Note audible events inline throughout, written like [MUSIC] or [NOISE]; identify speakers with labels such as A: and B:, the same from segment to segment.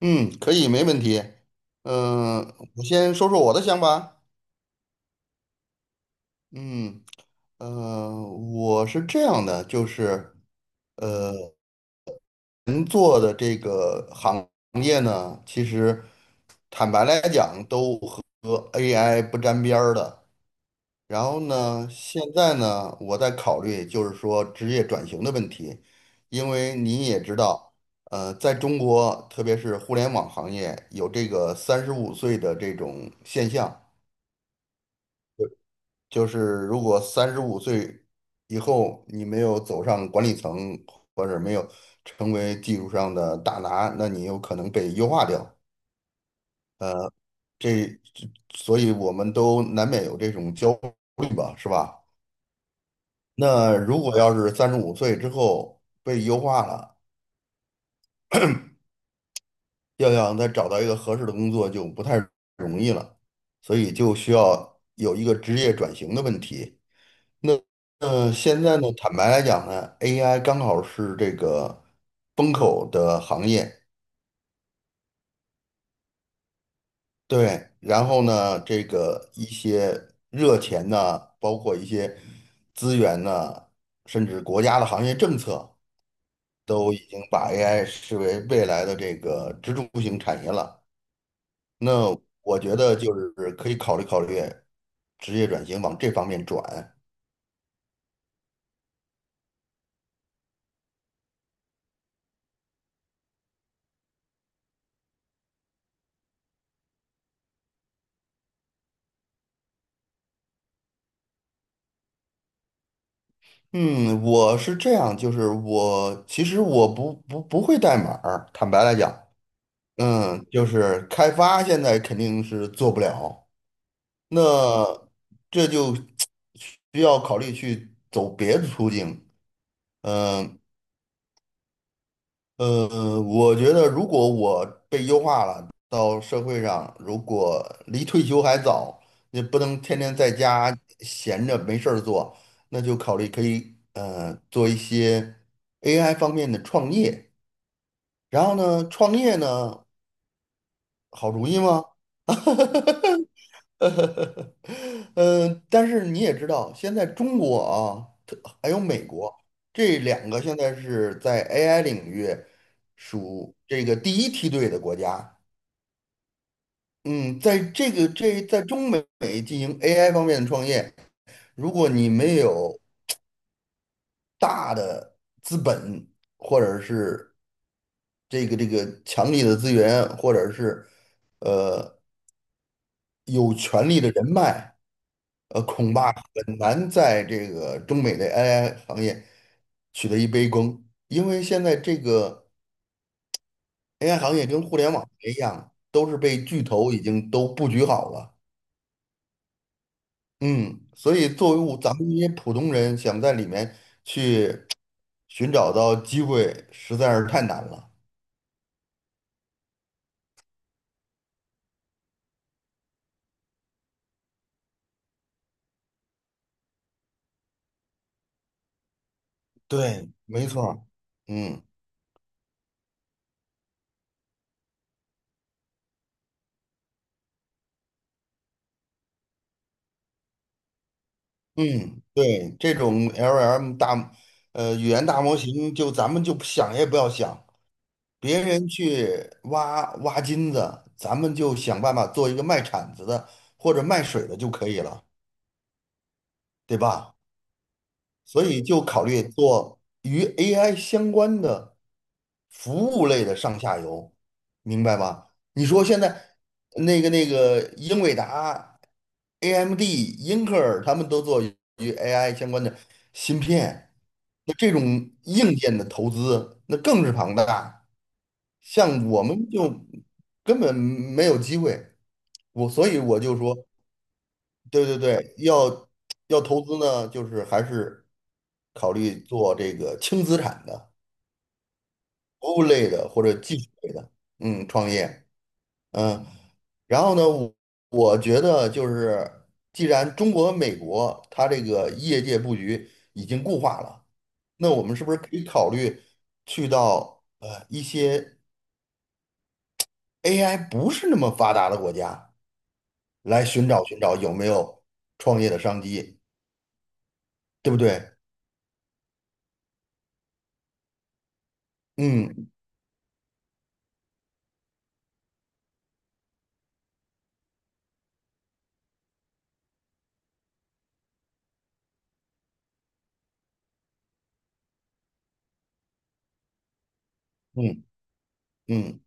A: 嗯，可以，没问题。嗯、我先说说我的想法。嗯，我是这样的，就是呃，人做的这个行业呢，其实坦白来讲，都和 AI 不沾边儿的。然后呢，现在呢，我在考虑就是说职业转型的问题，因为你也知道，在中国，特别是互联网行业，有这个三十五岁的这种现象，就是如果三十五岁以后你没有走上管理层，或者没有成为技术上的大拿，那你有可能被优化掉。这，所以我们都难免有这种焦虑吧，是吧？那如果要是三十五岁之后被优化了，要想再找到一个合适的工作就不太容易了，所以就需要有一个职业转型的问题。那现在呢，坦白来讲呢，AI 刚好是这个风口的行业，对，然后呢，这个一些热钱呐，包括一些资源呐，甚至国家的行业政策，都已经把 AI 视为未来的这个支柱型产业了。那我觉得就是可以考虑考虑职业转型往这方面转。嗯，我是这样，就是其实我不会代码儿，坦白来讲，就是开发现在肯定是做不了，那这就需要考虑去走别的途径。嗯、我觉得如果我被优化了，到社会上，如果离退休还早，也不能天天在家闲着没事儿做，那就考虑可以做一些 AI 方面的创业。然后呢，创业呢，好主意吗？[LAUGHS] [LAUGHS] 但是你也知道，现在中国啊，还有美国这两个现在是在 AI 领域属这个第一梯队的国家。嗯，在这个在中美进行 AI 方面的创业，如果你没有大的资本，或者是这个强力的资源，或者是有权力的人脉，恐怕很难在这个中美的 AI 行业取得一杯羹，因为现在这个 AI 行业跟互联网一样，都是被巨头已经都布局好了。嗯，所以作为咱们这些普通人，想在里面去寻找到机会，实在是太难了。对，没错儿。嗯嗯，对，这种 LLM 大，语言大模型，就咱们就想也不要想，别人去挖挖金子，咱们就想办法做一个卖铲子的或者卖水的就可以了，对吧？所以就考虑做与 AI 相关的服务类的上下游，明白吧？你说现在那个英伟达、AMD、英特尔他们都做与 AI 相关的芯片，那这种硬件的投资那更是庞大。像我们就根本没有机会，所以我就说，对对对，要投资呢，就是还是考虑做这个轻资产的、服务类的或者技术类的，创业，嗯，然后呢，我觉得就是既然中国和美国它这个业界布局已经固化了，那我们是不是可以考虑去到一些 AI 不是那么发达的国家？来寻找寻找有没有创业的商机，对不对？嗯嗯嗯嗯。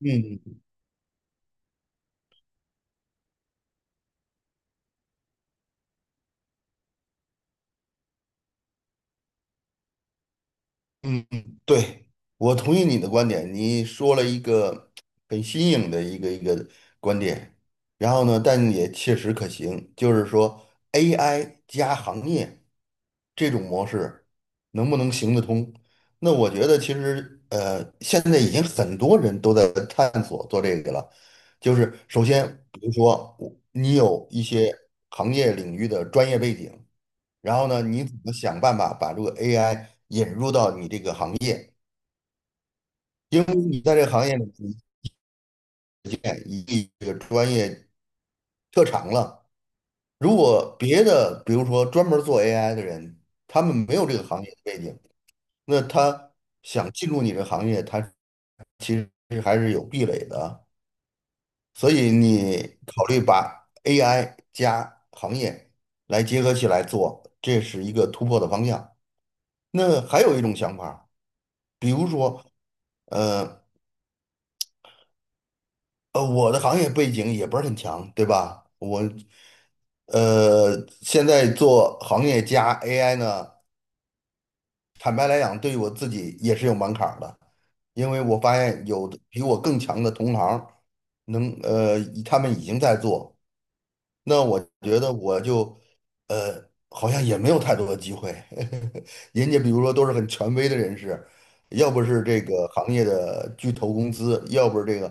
A: 嗯嗯，嗯，对，我同意你的观点。你说了一个很新颖的一个观点，然后呢，但也切实可行，就是说 AI 加行业这种模式能不能行得通？那我觉得其实现在已经很多人都在探索做这个了。就是首先，比如说你有一些行业领域的专业背景，然后呢，你怎么想办法把这个 AI？因为你在这个行业里你经验以及这个专业特长了。如果别的，比如说专门做 AI 的人，他们没有这个行业的背景，那他想进入你这个行业，他其实还是有壁垒的。所以你考虑把 AI 加行业来结合起来做，这是一个突破的方向。那还有一种想法，比如说，呃，我的行业背景也不是很强，对吧？我，呃，现在做行业加 AI 呢，坦白来讲，对于我自己也是有门槛儿的，因为我发现有的比我更强的同行，能，呃，他们已经在做，那我觉得我就，好像也没有太多的机会。[LAUGHS] 人家比如说都是很权威的人士，要不是这个行业的巨头公司，要不是这个，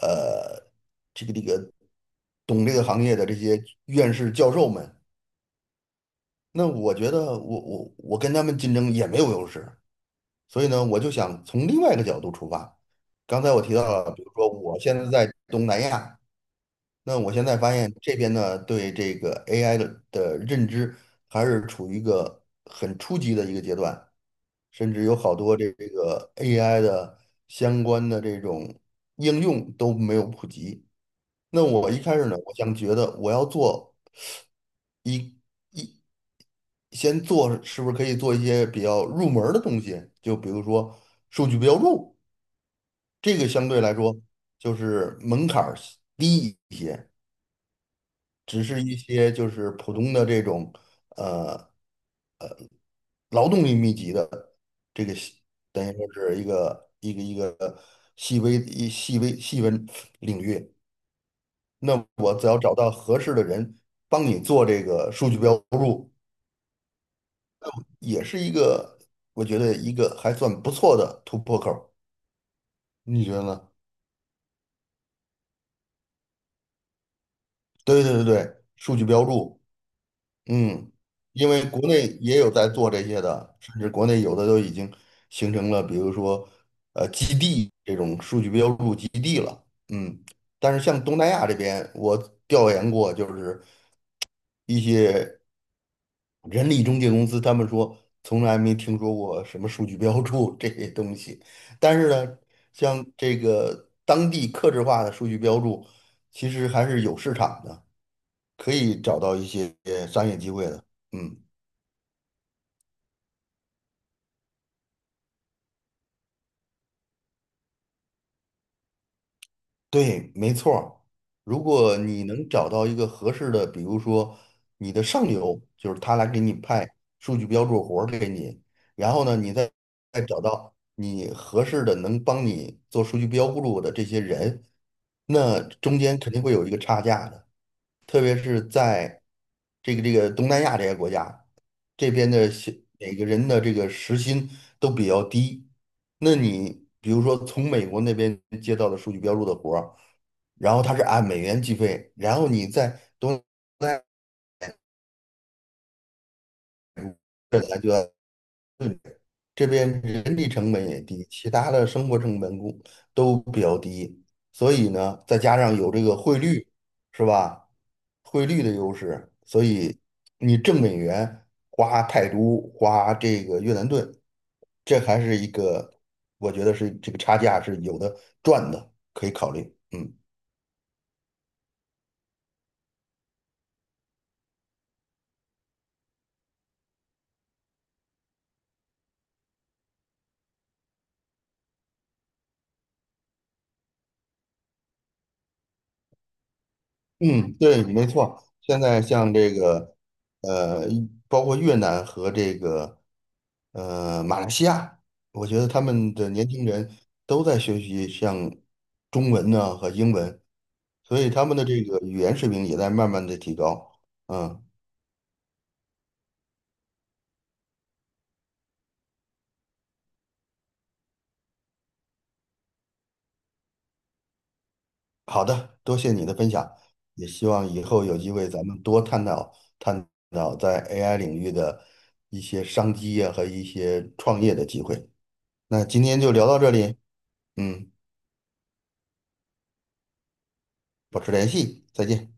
A: 呃，这个懂这个行业的这些院士教授们，那我觉得我跟他们竞争也没有优势。所以呢，我就想从另外一个角度出发。刚才我提到了，比如说我现在在东南亚。那我现在发现这边呢，对这个 AI 的认知还是处于一个很初级的一个阶段，甚至有好多这个 AI 的相关的这种应用都没有普及。那我一开始呢，我想觉得我要做一一先做，是不是可以做一些比较入门儿的东西？就比如说数据标注，这个相对来说就是门槛儿低一些。只是一些就是普通的这种呃劳动力密集的这个细，等于说是一个细微细分领域。那我只要找到合适的人帮你做这个数据标注，也是一个我觉得一个还算不错的突破口儿。你觉得呢？对对对对，数据标注。嗯，因为国内也有在做这些的，甚至国内有的都已经形成了，比如说基地这种数据标注基地了。嗯，但是像东南亚这边，我调研过，就是一些人力中介公司，他们说从来没听说过什么数据标注这些东西。但是呢，像这个当地客制化的数据标注，其实还是有市场的，可以找到一些商业机会的。嗯。对，没错儿。如果你能找到一个合适的，比如说你的上游，就是他来给你派数据标注活儿给你，然后呢，你再找到你合适的能帮你做数据标注的这些人，那中间肯定会有一个差价的。特别是在这个东南亚这些国家，这边每个人的这个时薪都比较低。那你比如说从美国那边接到的数据标注的活儿，然后他是按美元计费，然后你在东南亚本来就要。这边人力成本也低，其他的生活成本都比较低，所以呢，再加上有这个汇率，是吧？汇率的优势，所以你挣美元、花泰铢、花这个越南盾，这还是一个，我觉得是这个差价是有的赚的，可以考虑。嗯。嗯，对，没错。现在像这个，呃，包括越南和这个，马来西亚，我觉得他们的年轻人都在学习像中文呢和英文，所以他们的这个语言水平也在慢慢的提高。嗯，好的，多谢你的分享，也希望以后有机会咱们多探讨探讨在 AI 领域的一些商机呀、和一些创业的机会。那今天就聊到这里，嗯。保持联系，再见。